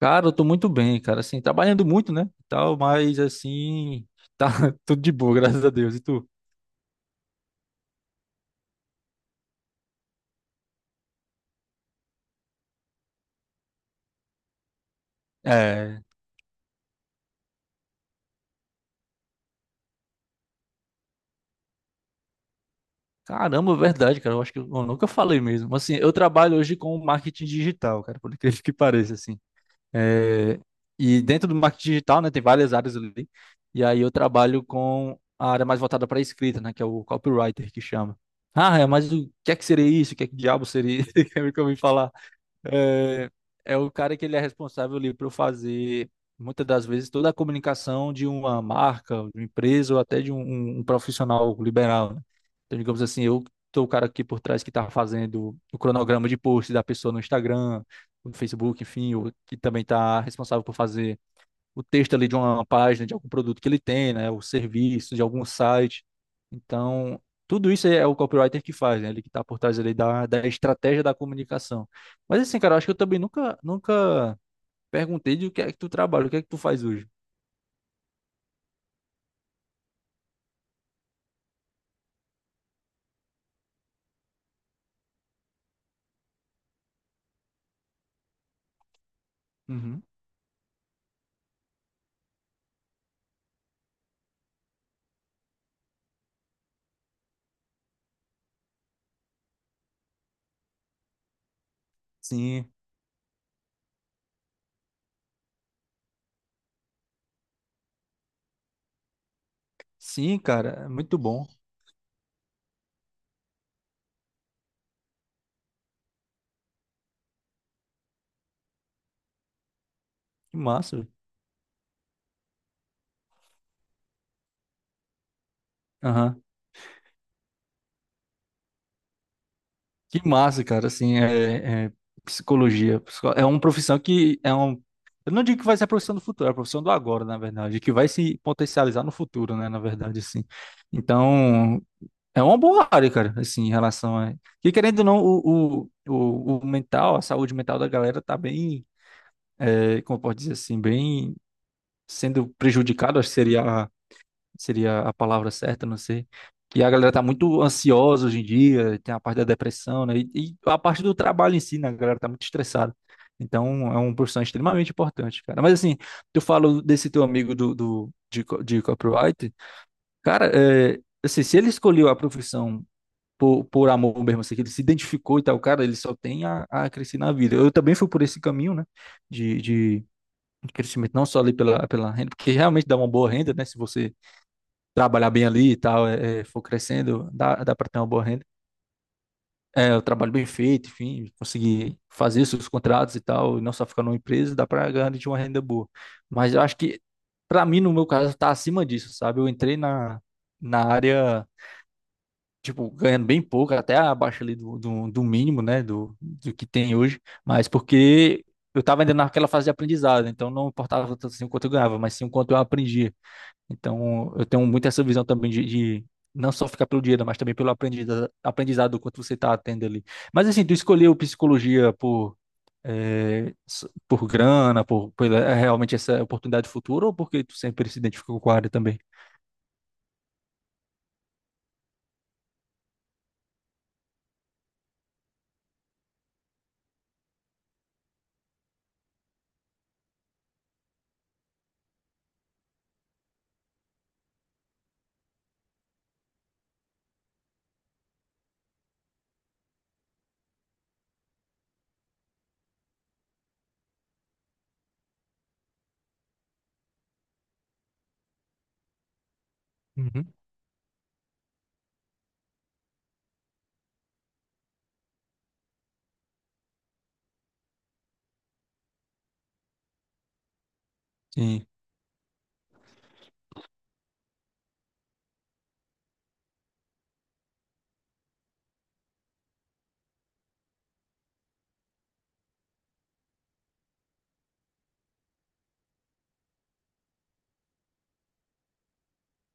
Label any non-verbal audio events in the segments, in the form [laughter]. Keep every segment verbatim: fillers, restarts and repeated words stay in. Cara, eu tô muito bem, cara, assim, trabalhando muito, né, e tal, mas, assim, tá [laughs] tudo de boa, graças a Deus, e tu? É, caramba, verdade, cara, eu acho que eu nunca falei mesmo, assim, eu trabalho hoje com marketing digital, cara, por incrível que pareça, assim, é, e dentro do marketing digital, né, tem várias áreas ali, e aí eu trabalho com a área mais voltada para escrita, né, que é o copywriter que chama. Ah, é, mas o que é que seria isso? O que é que diabo seria isso? [laughs] Quer me que eu ouvi falar? É, é o cara que ele é responsável ali por fazer, muitas das vezes, toda a comunicação de uma marca, de uma empresa ou até de um, um um profissional liberal, né? Então, digamos assim, eu tô o cara aqui por trás que está fazendo o cronograma de posts da pessoa no Instagram, no Facebook, enfim, o que também está responsável por fazer o texto ali de uma página, de algum produto que ele tem, né? O serviço, de algum site. Então, tudo isso é o copywriter que faz, né? Ele que está por trás ali da, da estratégia da comunicação. Mas assim, cara, eu acho que eu também nunca, nunca perguntei de o que é que tu trabalha, o que é que tu faz hoje. Uhum. Sim, sim, cara, é muito bom. Que massa, velho. Que massa, cara, assim, é, é psicologia. psico- É uma profissão que é um. Eu não digo que vai ser a profissão do futuro, é a profissão do agora, na verdade, que vai se potencializar no futuro, né, na verdade, assim. Então, é uma boa área, cara, assim, em relação a. E querendo ou não, o, o, o, o mental, a saúde mental da galera tá bem, é, como eu posso dizer assim, bem sendo prejudicado, acho que seria seria a palavra certa, não sei. E a galera tá muito ansiosa hoje em dia, tem a parte da depressão, né? E, e a parte do trabalho em si, né? A galera tá muito estressada. Então, é uma profissão extremamente importante, cara. Mas assim, eu falo desse teu amigo do, do de, co- de copyright, cara, é, assim, se ele escolheu a profissão por, por amor mesmo, assim, que ele se identificou e tal, cara, ele só tem a, a crescer na vida. Eu também fui por esse caminho, né? De, de crescimento, não só ali pela, pela renda, porque realmente dá uma boa renda, né? Se você trabalhar bem ali e tal, é, é, for crescendo, dá, dá para ter uma boa renda. É, o trabalho bem feito, enfim, conseguir fazer seus contratos e tal, e não só ficar numa empresa, dá para ganhar de uma renda boa. Mas eu acho que, para mim, no meu caso, tá acima disso, sabe? Eu entrei na, na área, tipo, ganhando bem pouco, até abaixo ali do, do, do mínimo, né, do, do que tem hoje, mas porque. Eu estava ainda naquela fase de aprendizado, então não importava tanto assim o quanto eu ganhava, mas sim o quanto eu aprendia. Então, eu tenho muito essa visão também de, de não só ficar pelo dinheiro, mas também pelo aprendizado, aprendizado do quanto você está atendo ali. Mas assim, tu escolheu psicologia por, eh, s- por grana, por pela, é realmente essa oportunidade futura, ou porque tu sempre se identificou com a área também? Uhum. Sim.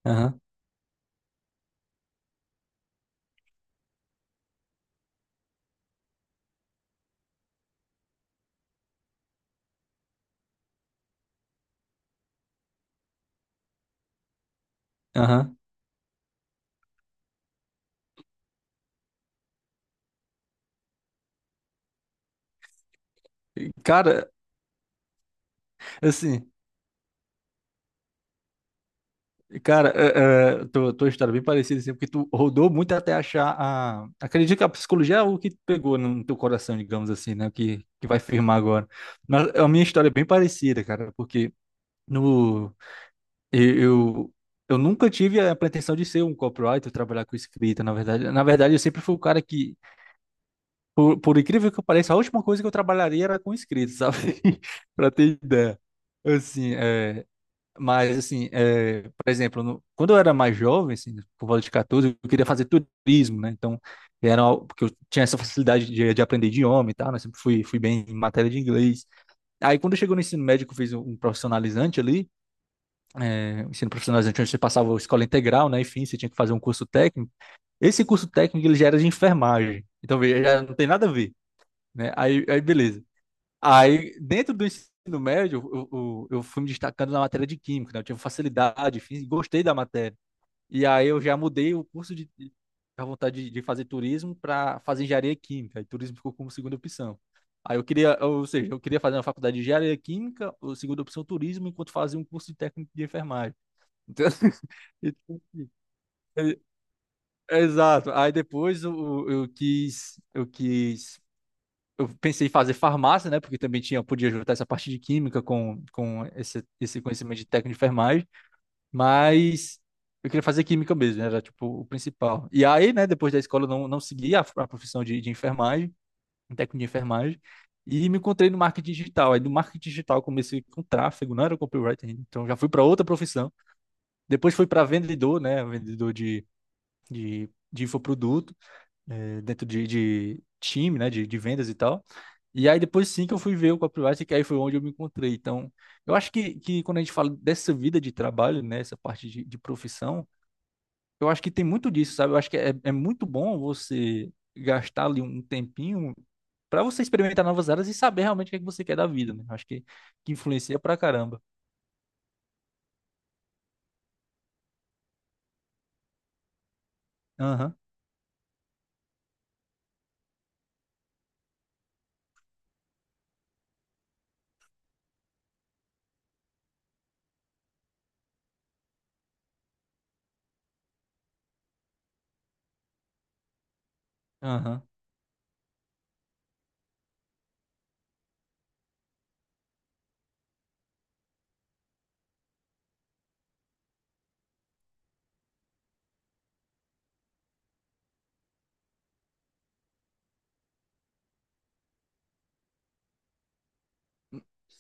Aham. Aham. Cara, assim. Cara, é, é, tua, tua história é bem parecida, assim, porque tu rodou muito até achar a... Acredito que a psicologia é o que pegou no teu coração, digamos assim, né? Que, que vai firmar agora. Mas a minha história é bem parecida, cara, porque no... Eu, eu, eu nunca tive a pretensão de ser um copywriter, trabalhar com escrita, na verdade. Na verdade, eu sempre fui o cara que, por, por incrível que pareça, a última coisa que eu trabalharia era com escrita, sabe? [laughs] Pra ter ideia. Assim, é, mas, assim, é, por exemplo, no- quando eu era mais jovem, assim, por volta de catorze, eu queria fazer turismo, né? Então, era, al- porque eu tinha essa facilidade de, de aprender idioma e tal, né? Sempre fui, fui bem em matéria de inglês. Aí, quando chegou no ensino médio, que eu fiz um um profissionalizante ali, é, um ensino profissionalizante, onde você passava a escola integral, né? Enfim, você tinha que fazer um curso técnico. Esse curso técnico, ele já era de enfermagem. Então, veja, já não tem nada a ver, né? Aí, aí beleza. Aí, dentro do ensino médio, eu, eu, eu fui me destacando na matéria de química, né? Eu tive facilidade, fiz, gostei da matéria. E aí eu já mudei o curso de a vontade de, de fazer turismo para fazer engenharia química, e turismo ficou como segunda opção. Aí eu queria, ou seja, eu queria fazer uma faculdade de engenharia química, ou segunda opção turismo, enquanto fazia um curso de técnico de enfermagem. Então, [laughs] é- é- é [laughs] exato. Aí depois eu, eu quis, eu quis eu pensei em fazer farmácia, né? Porque também tinha, podia juntar essa parte de química com, com esse, esse conhecimento de técnico de enfermagem, mas eu queria fazer química mesmo, né, era tipo o principal. E aí, né, depois da escola eu não, não segui a, a profissão de, de enfermagem, um técnico de enfermagem, e me encontrei no marketing digital. Aí do marketing digital eu comecei com tráfego, não era copywriter ainda, então já fui para outra profissão. Depois fui para vendedor, né, vendedor de, de, de infoproduto, é, dentro de, de time, né, de, de vendas e tal. E aí depois sim que eu fui ver o copyright, que aí foi onde eu me encontrei. Então, eu acho que, que quando a gente fala dessa vida de trabalho, né, essa parte de, de profissão, eu acho que tem muito disso, sabe? Eu acho que é, é muito bom você gastar ali um tempinho para você experimentar novas áreas e saber realmente o que é que você quer da vida, né? Eu acho que, que influencia pra caramba. Aham, aham.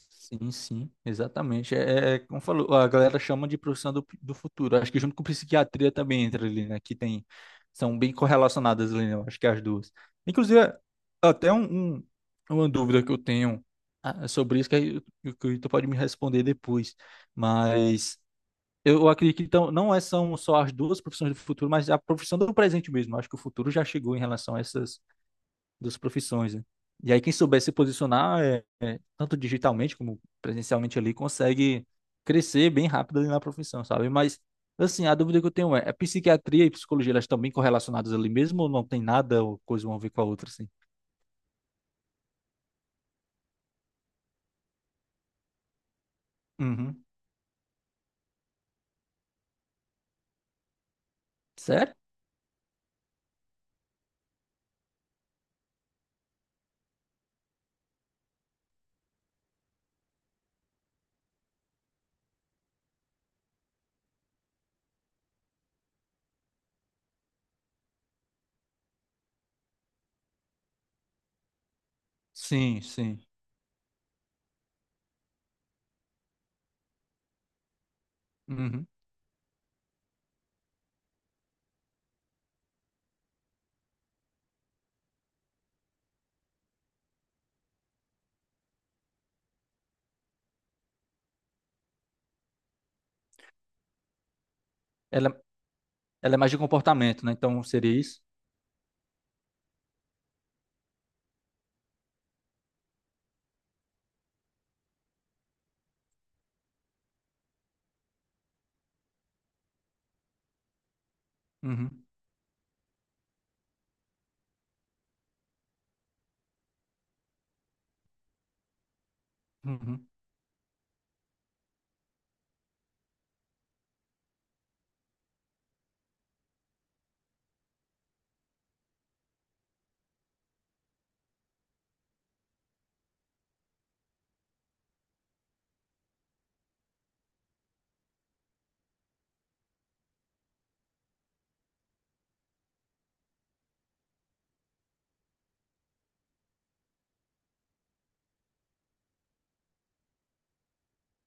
Sim, sim, exatamente. É, é, é como falou, a galera chama de profissão do, do futuro. Acho que junto com psiquiatria também entra ali, né? Que tem, são bem correlacionadas ali, né? eu acho que as duas. Inclusive, até um, um- uma dúvida que eu tenho, ah, é sobre isso, que aí o que o tu pode me responder depois. Mas eu acredito que então, não é, são só as duas profissões do futuro, mas a profissão do presente mesmo. Acho que o futuro já chegou em relação a essas das profissões, né? E aí quem souber se posicionar, é, é, tanto digitalmente como presencialmente ali, consegue crescer bem rápido ali na profissão, sabe? Mas, assim, a dúvida que eu tenho é, a psiquiatria e psicologia, elas estão bem correlacionadas ali mesmo ou não tem nada ou coisa uma a ver com a outra, assim? Uhum. Sério? Sim, sim. Uhum. Ela, ela é mais de comportamento, né? Então seria isso? Uhum. Uhum.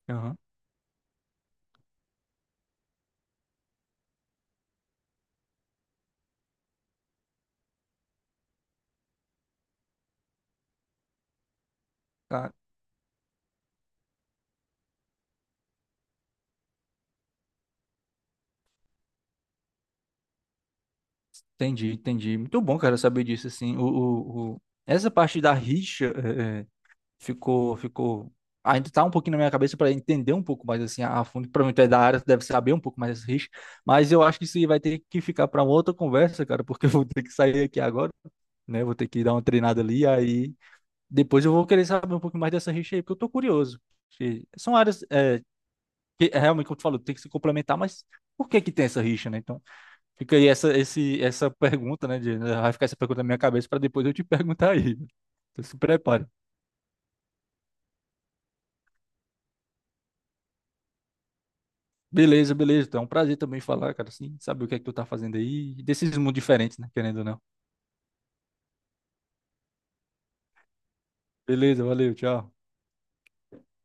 Aham. Tá. Entendi, entendi. Muito bom, cara, saber disso, assim. O, o, o- Essa parte da rixa ficou, ficou. Ainda tá um pouquinho na minha cabeça para entender um pouco mais assim a fundo. Para mim, tu é da área, tu deve saber um pouco mais desse risco. Mas eu acho que isso aí vai ter que ficar para uma outra conversa, cara, porque eu vou ter que sair aqui agora, né? Vou ter que dar uma treinada ali. Aí depois eu vou querer saber um pouco mais dessa rixa aí, porque eu tô curioso. Que são áreas é, que é realmente, como tu falou, tem que se complementar, mas por que que tem essa rixa, né? Então fica aí essa, esse, essa pergunta, né? De- vai ficar essa pergunta na minha cabeça para depois eu te [laughs] perguntar aí. Então se prepare. Beleza, beleza. Então, é um prazer também falar, cara, assim, saber o que é que tu tá fazendo aí, desses mundos diferentes, né, querendo ou não. Beleza, valeu, tchau.